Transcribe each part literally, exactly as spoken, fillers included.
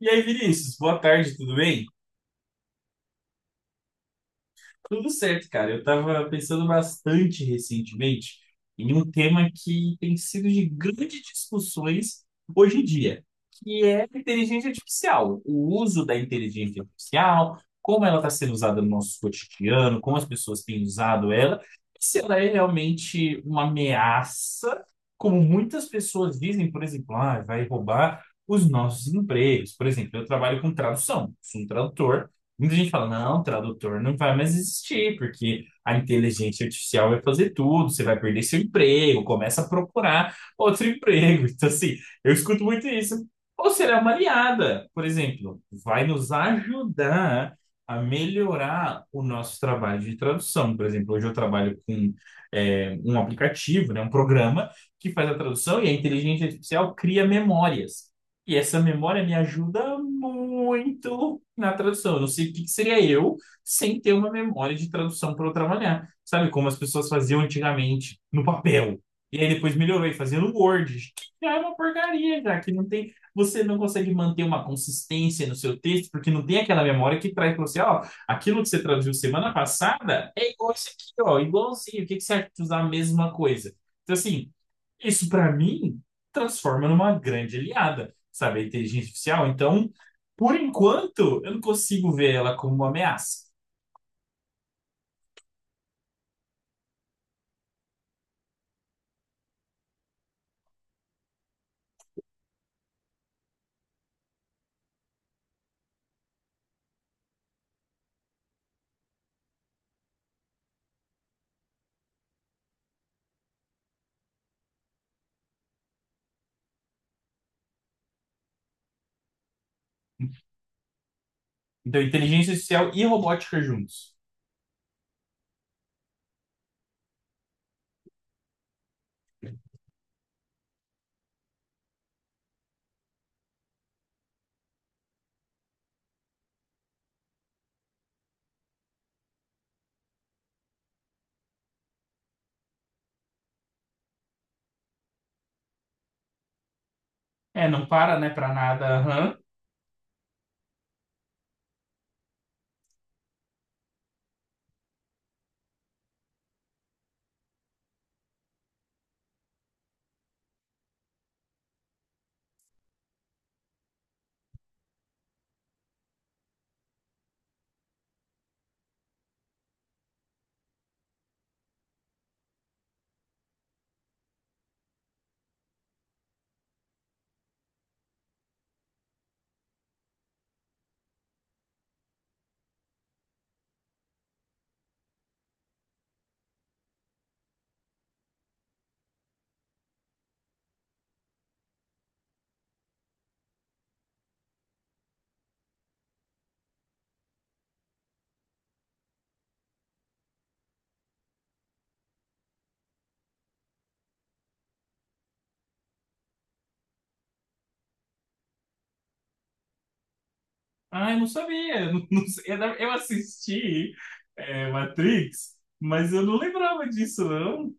E aí, Vinícius, boa tarde, tudo bem? Tudo certo, cara. Eu tava pensando bastante recentemente em um tema que tem sido de grandes discussões hoje em dia, que é a inteligência artificial, o uso da inteligência artificial, como ela está sendo usada no nosso cotidiano, como as pessoas têm usado ela, e se ela é realmente uma ameaça, como muitas pessoas dizem. Por exemplo, ah, vai roubar os nossos empregos. Por exemplo, eu trabalho com tradução, sou um tradutor. Muita gente fala, não, tradutor não vai mais existir, porque a inteligência artificial vai fazer tudo, você vai perder seu emprego, começa a procurar outro emprego. Então, assim, eu escuto muito isso. Ou será uma aliada, por exemplo, vai nos ajudar a melhorar o nosso trabalho de tradução. Por exemplo, hoje eu trabalho com é, um aplicativo, né, um programa que faz a tradução e a inteligência artificial cria memórias. E essa memória me ajuda muito na tradução. Eu não sei o que que seria eu sem ter uma memória de tradução para eu trabalhar. Sabe como as pessoas faziam antigamente no papel? E aí depois melhorou e fazendo no Word, que já é uma porcaria, já que não tem, você não consegue manter uma consistência no seu texto, porque não tem aquela memória que traz para você, ó, aquilo que você traduziu semana passada é igual isso aqui, ó, igualzinho. O que que você acha de usar a mesma coisa? Então assim, isso para mim transforma numa grande aliada, sabe, a inteligência artificial. Então, por enquanto, eu não consigo ver ela como uma ameaça. Então, inteligência artificial e robótica juntos. É, não para, né, para nada. Aham. Ah, eu não sabia. Eu, Não, não sei. Eu assisti é, Matrix, mas eu não lembrava disso, não.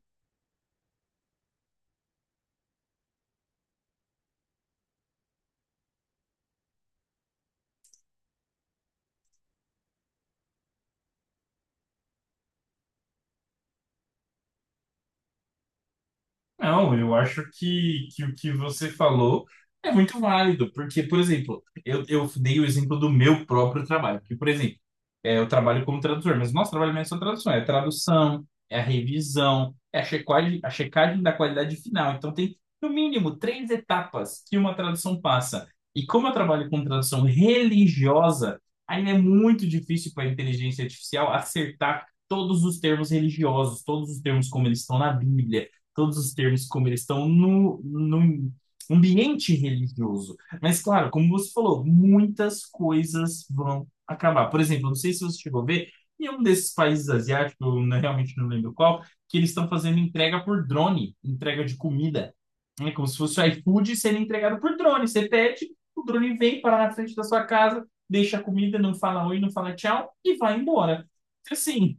Não, eu acho que, que o que você falou é muito válido, porque, por exemplo, eu, eu dei o exemplo do meu próprio trabalho, porque, por exemplo, é, eu trabalho como tradutor, mas o nosso trabalho não é só tradução, é tradução, é a revisão, é a checagem, a checagem da qualidade final. Então, tem, no mínimo, três etapas que uma tradução passa. E como eu trabalho com tradução religiosa, ainda é muito difícil para a inteligência artificial acertar todos os termos religiosos, todos os termos como eles estão na Bíblia, todos os termos como eles estão no, no ambiente religioso. Mas, claro, como você falou, muitas coisas vão acabar. Por exemplo, não sei se você chegou a ver, em um desses países asiáticos, eu não- realmente não lembro qual, que eles estão fazendo entrega por drone, entrega de comida. É como se fosse o iFood sendo entregado por drone. Você pede, o drone vem, para na frente da sua casa, deixa a comida, não fala oi, não fala tchau e vai embora. Então, assim,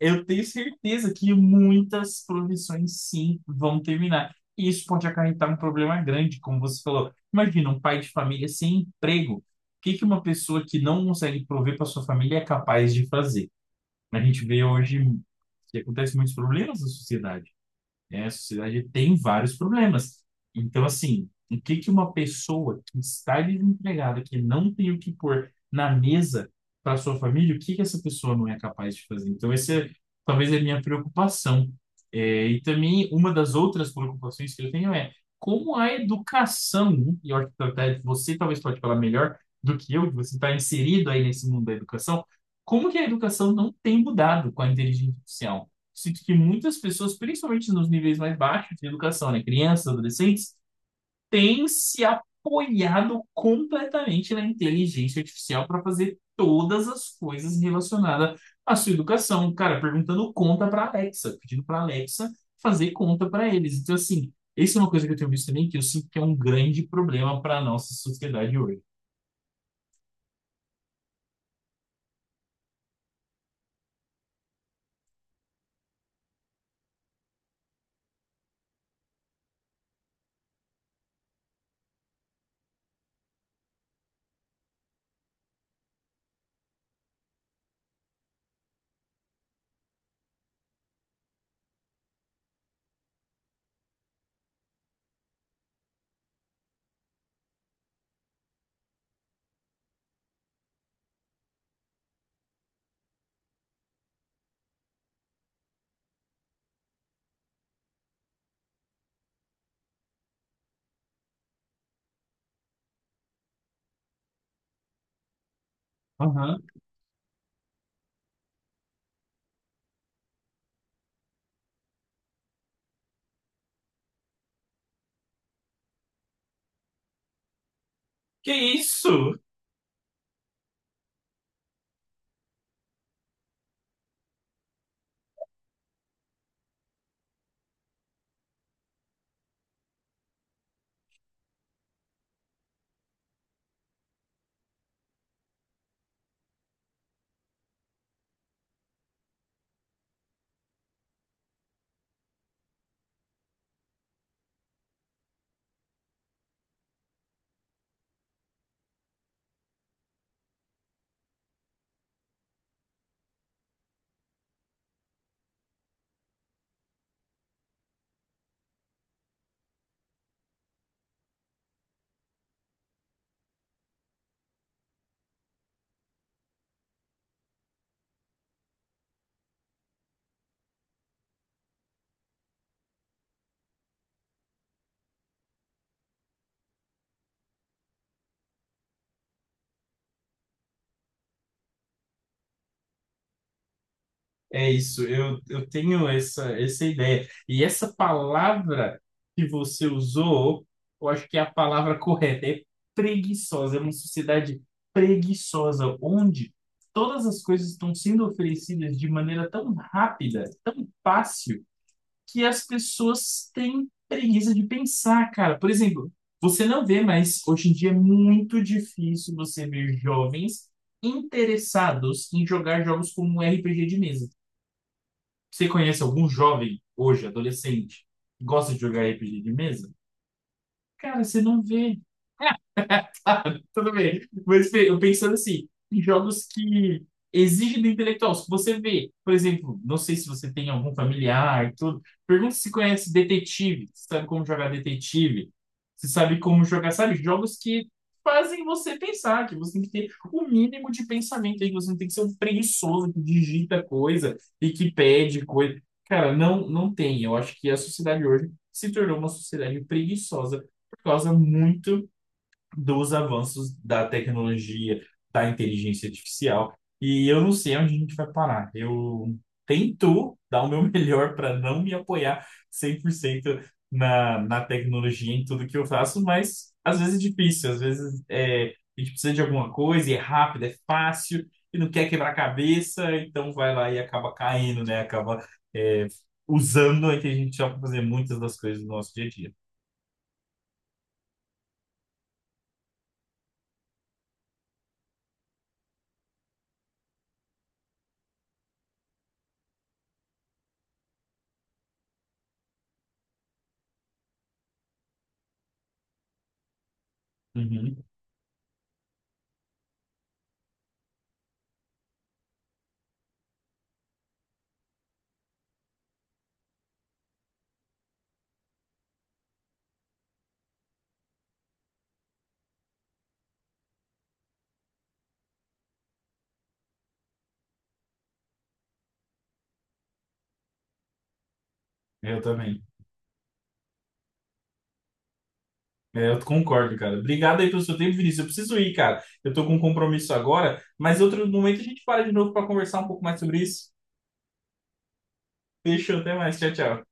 eu tenho certeza que muitas profissões sim vão terminar. E isso pode acarretar um problema grande, como você falou. Imagina um pai de família sem emprego. O que que uma pessoa que não consegue prover para sua família é capaz de fazer? A gente vê hoje que acontece muitos problemas na sociedade, né? A sociedade tem vários problemas. Então, assim, o que que uma pessoa que está desempregada, que não tem o que pôr na mesa para sua família, o que que essa pessoa não é capaz de fazer? Então, essa é, talvez é a minha preocupação. É, e também uma das outras preocupações que eu tenho é como a educação, né? E eu acho que até você talvez pode falar melhor do que eu, que você está inserido aí nesse mundo da educação. Como que a educação não tem mudado com a inteligência artificial? Sinto que muitas pessoas, principalmente nos níveis mais baixos de educação, né, crianças, adolescentes, têm se apoiado completamente na inteligência artificial para fazer todas as coisas relacionadas à sua educação. Cara, perguntando conta para Alexa, pedindo para Alexa fazer conta para eles. Então, assim, isso é uma coisa que eu tenho visto também que eu sinto que é um grande problema para a nossa sociedade hoje. Aham. Que isso? É isso, eu, eu tenho essa, essa ideia. E essa palavra que você usou, eu acho que é a palavra correta, é preguiçosa, é uma sociedade preguiçosa, onde todas as coisas estão sendo oferecidas de maneira tão rápida, tão fácil, que as pessoas têm preguiça de pensar, cara. Por exemplo, você não vê, mas hoje em dia é muito difícil você ver jovens interessados em jogar jogos como um R P G de mesa. Você conhece algum jovem hoje, adolescente, que gosta de jogar R P G de mesa? Cara, você não vê. Tá, tudo bem. Mas Fê, eu pensando assim, em jogos que exigem do intelectual. Se você vê, por exemplo, não sei se você tem algum familiar, tudo, pergunta se conhece detetive, se sabe como jogar detetive, se sabe como jogar, sabe? Jogos que fazem você pensar, que você tem que ter o mínimo de pensamento aí, que você não tem que ser um preguiçoso que digita coisa e que pede coisa. Cara, não, não tem. Eu acho que a sociedade hoje se tornou uma sociedade preguiçosa por causa muito dos avanços da tecnologia, da inteligência artificial. E eu não sei onde a gente vai parar. Eu tento dar o meu melhor para não me apoiar cem por cento na, na tecnologia, em tudo que eu faço, mas às vezes é difícil, às vezes é, a gente precisa de alguma coisa e é rápido, é fácil e não quer quebrar a cabeça, então vai lá e acaba caindo, né? Acaba é, usando a inteligência artificial para fazer muitas das coisas do nosso dia a dia. Uhum, eu também. É, eu concordo, cara. Obrigado aí pelo seu tempo, Vinícius. Eu preciso ir, cara. Eu tô com um compromisso agora, mas outro momento a gente para de novo para conversar um pouco mais sobre isso. Fechou, até mais. Tchau, tchau.